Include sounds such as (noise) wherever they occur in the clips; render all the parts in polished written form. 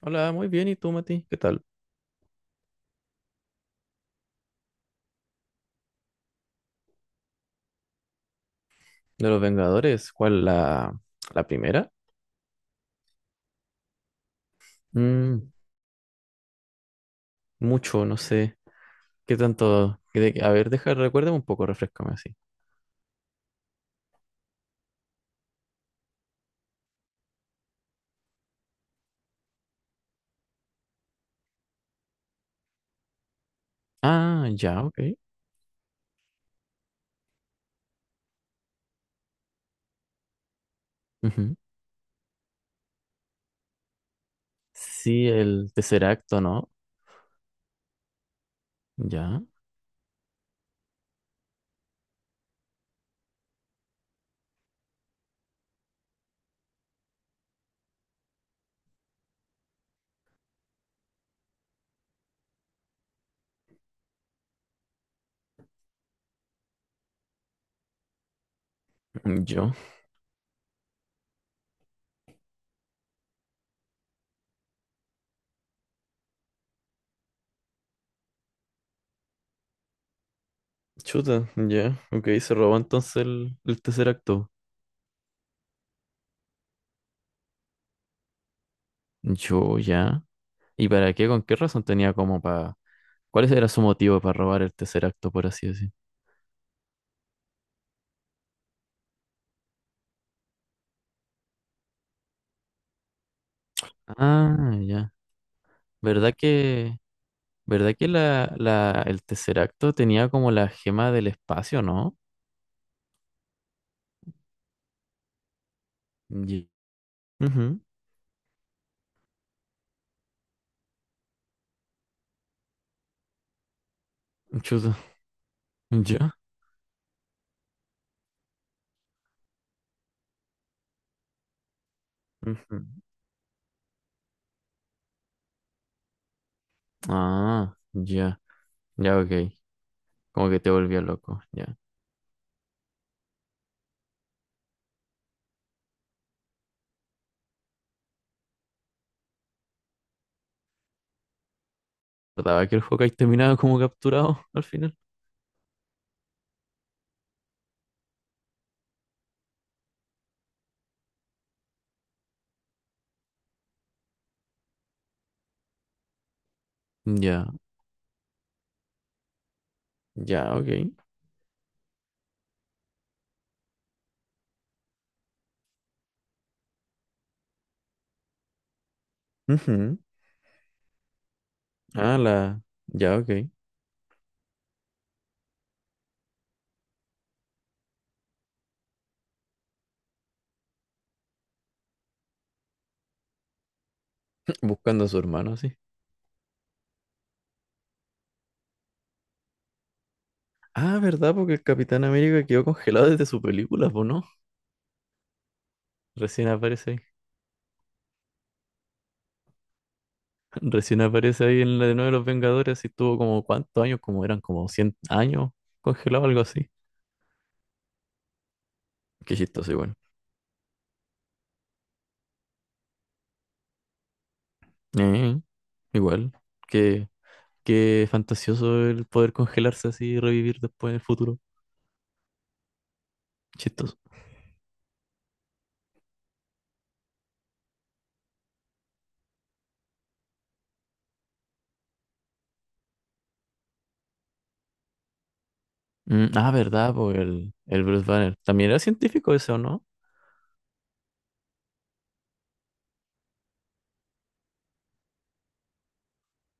Hola, muy bien. ¿Y tú, Mati? ¿Qué tal? De los Vengadores, ¿cuál la primera? Mm, mucho, no sé. ¿Qué tanto? A ver, deja, recuérdame un poco, refrescame así. Ah, ya, ok. Ujú. Sí, el tercer acto, ¿no? Ya, mm, yo. Chuta, ya, ok, se robó entonces el tercer acto. Yo, ya. ¿Y para qué? ¿Con qué razón tenía como para? ¿Cuál era su motivo para robar el tercer acto, por así decir? Ah, ya. ¿Verdad que? ¿Verdad que el Tesseracto tenía como la gema del espacio, no? Ya. Ujú. Chuta. (laughs) Ya. Ujú. Ah, ya. Ya, ok. Como que te volvía loco. Ya. Trataba que el Hawkeye terminaba como capturado (laughs) al final. Ya. Ya, ok. Ujú. Ah, la. Ya, ok. (clears throat) (laughs) Buscando a su hermano, así. Ah, ¿verdad? Porque el Capitán América quedó congelado desde su película, ¿o no? Recién aparece ahí. Recién aparece ahí en la de nuevo de los Vengadores y estuvo como cuántos años, como eran como 100 años congelado, algo así. Qué chistoso, igual. Eh, igual. Qué, qué fantasioso el poder congelarse así y revivir después en el futuro. Chistoso. Ah, verdad, pues el Bruce Banner. También era científico ese o ¿no?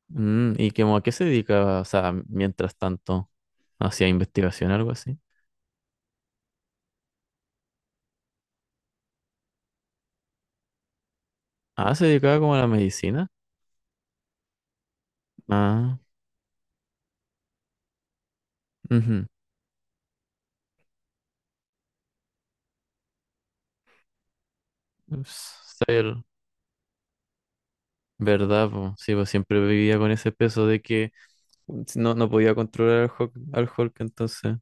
¿Y como a qué se dedicaba? O sea, mientras tanto, hacía investigación, algo así. Ah, se dedicaba como a la medicina. Ah, ujú. Ups, sabía, ¿verdad? Po? Sí, pues siempre vivía con ese peso de que si no, no podía controlar al Hulk, entonces.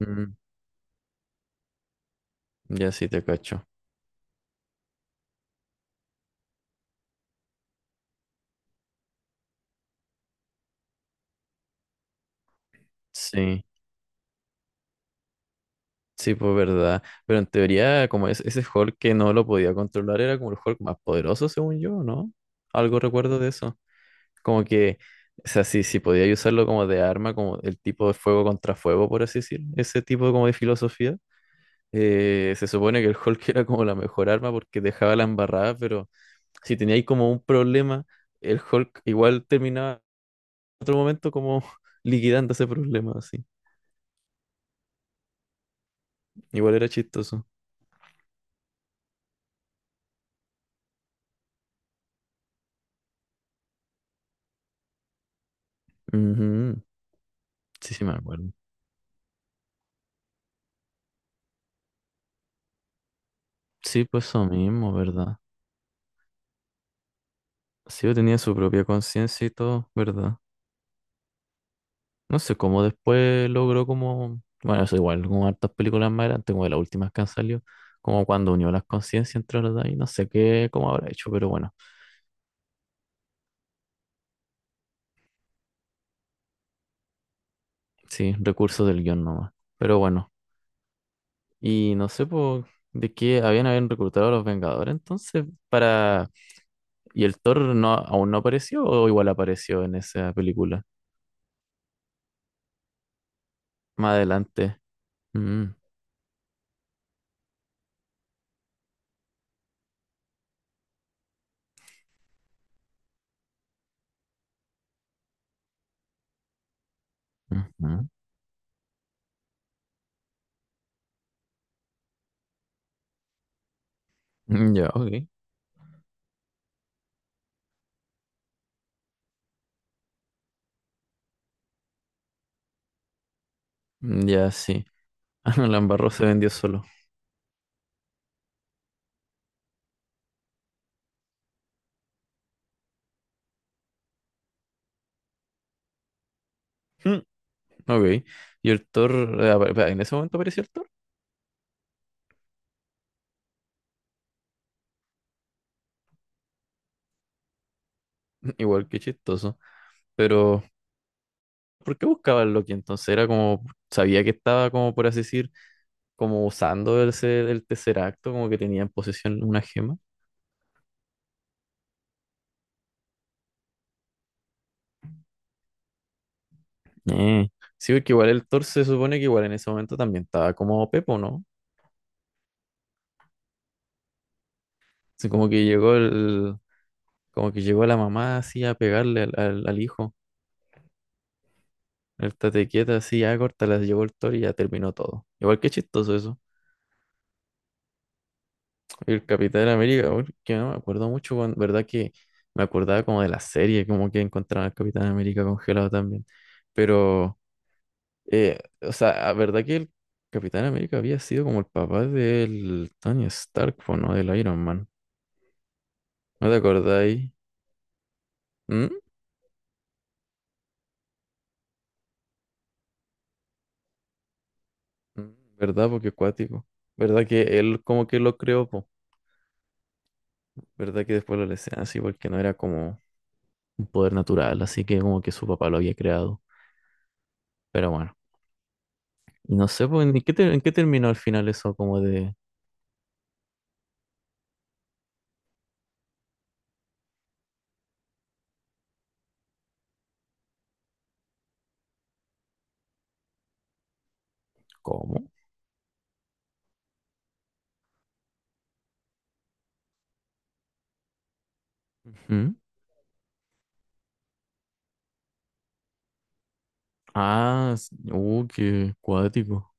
Mm, ya sí te cacho. Sí, sí, pues verdad. Pero en teoría, como es, ese Hulk que no lo podía controlar era como el Hulk más poderoso, según yo, ¿no? Algo recuerdo de eso. Como que, o sea, sí, sí, podía usarlo como de arma, como el tipo de fuego contra fuego, por así decir. Ese tipo como de filosofía. Se supone que el Hulk (laughs) era como la mejor arma porque dejaba la embarrada, pero si teníais como un problema, el Hulk igual terminaba en otro momento como (laughs) liquidando ese problema, así. Igual era chistoso. Ujú. Sí, sí, me acuerdo. Sí, pues eso mismo, ¿verdad? Sí, yo tenía su propia conciencia y todo, ¿verdad? No sé cómo después logró como. Bueno, eso igual, como hartas películas más grandes, como de las últimas que han salido, como cuando unió las conciencias entre las dos, y no sé qué, cómo habrá hecho, pero bueno. Sí, recursos del guión nomás. Pero bueno, y no sé po, de qué habían reclutado a los Vengadores entonces para. ¿Y el Thor no, aún no apareció o igual apareció en esa película? Más adelante. Mm, ujú. (laughs) Mm, ya, ok. Mm, ya, sí. (laughs) Ah, no, la embarró se vendió solo. Mm, ok. Y el Thor, en ese momento apareció el Thor. (laughs) Igual que chistoso. Pero, ¿por qué buscaba el Loki entonces? Era como, sabía que estaba como, por así decir, como usando ese, el tercer acto, como que tenía en posesión una gema. Eh. Sí, porque igual el Thor se supone que igual en ese momento también estaba como Pepo, ¿no? Así como que llegó la mamá así a pegarle al hijo. El tate quieta así, ya corta, las llegó el Thor y ya terminó todo. Igual que chistoso eso. El Capitán América, bueno, que no me acuerdo mucho, verdad que me acordaba como de la serie, como que encontraban al Capitán América congelado también. Pero o sea, la verdad que el Capitán América había sido como el papá del Tony Stark, po, ¿no? Del Iron Man. ¿No te acordáis? ¿Mm? Mm, ¿verdad? Porque cuático. ¿Verdad que él como que lo creó, po? ¿Verdad que después lo desean así? Porque no era como un poder natural, así que como que su papá lo había creado. Pero bueno. Y no sé, pues, ¿en qué terminó al final eso como de? ¿Cómo? ¿Mm? Ah, qué cuático.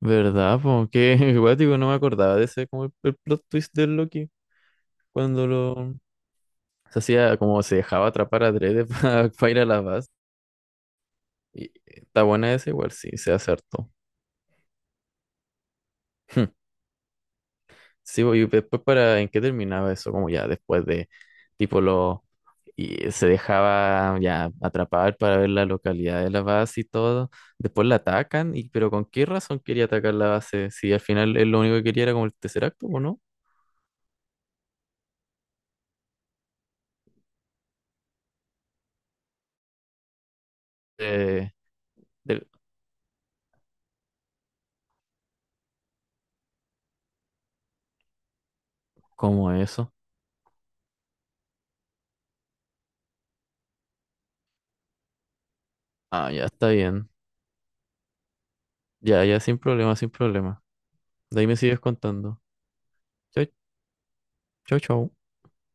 ¿Verdad? Po? Qué (laughs) guático, no me acordaba de ese como el plot twist del Loki cuando lo se hacía como se dejaba atrapar a Dredd para (laughs) ir a la base. Y está buena esa igual, sí, se acertó. Hmm. Sí, bo, y después para en qué terminaba eso, como ya después de tipo lo y se dejaba ya atrapar para ver la localidad de la base y todo. Después la atacan, y pero ¿con qué razón quería atacar la base? Si al final él lo único que quería era como el tercer acto, ¿o no? Eh, del- ¿Cómo eso? Ah, ya está bien. Ya, ya, sin problema, sin problema. De ahí me sigues contando. Chau, chau, chau.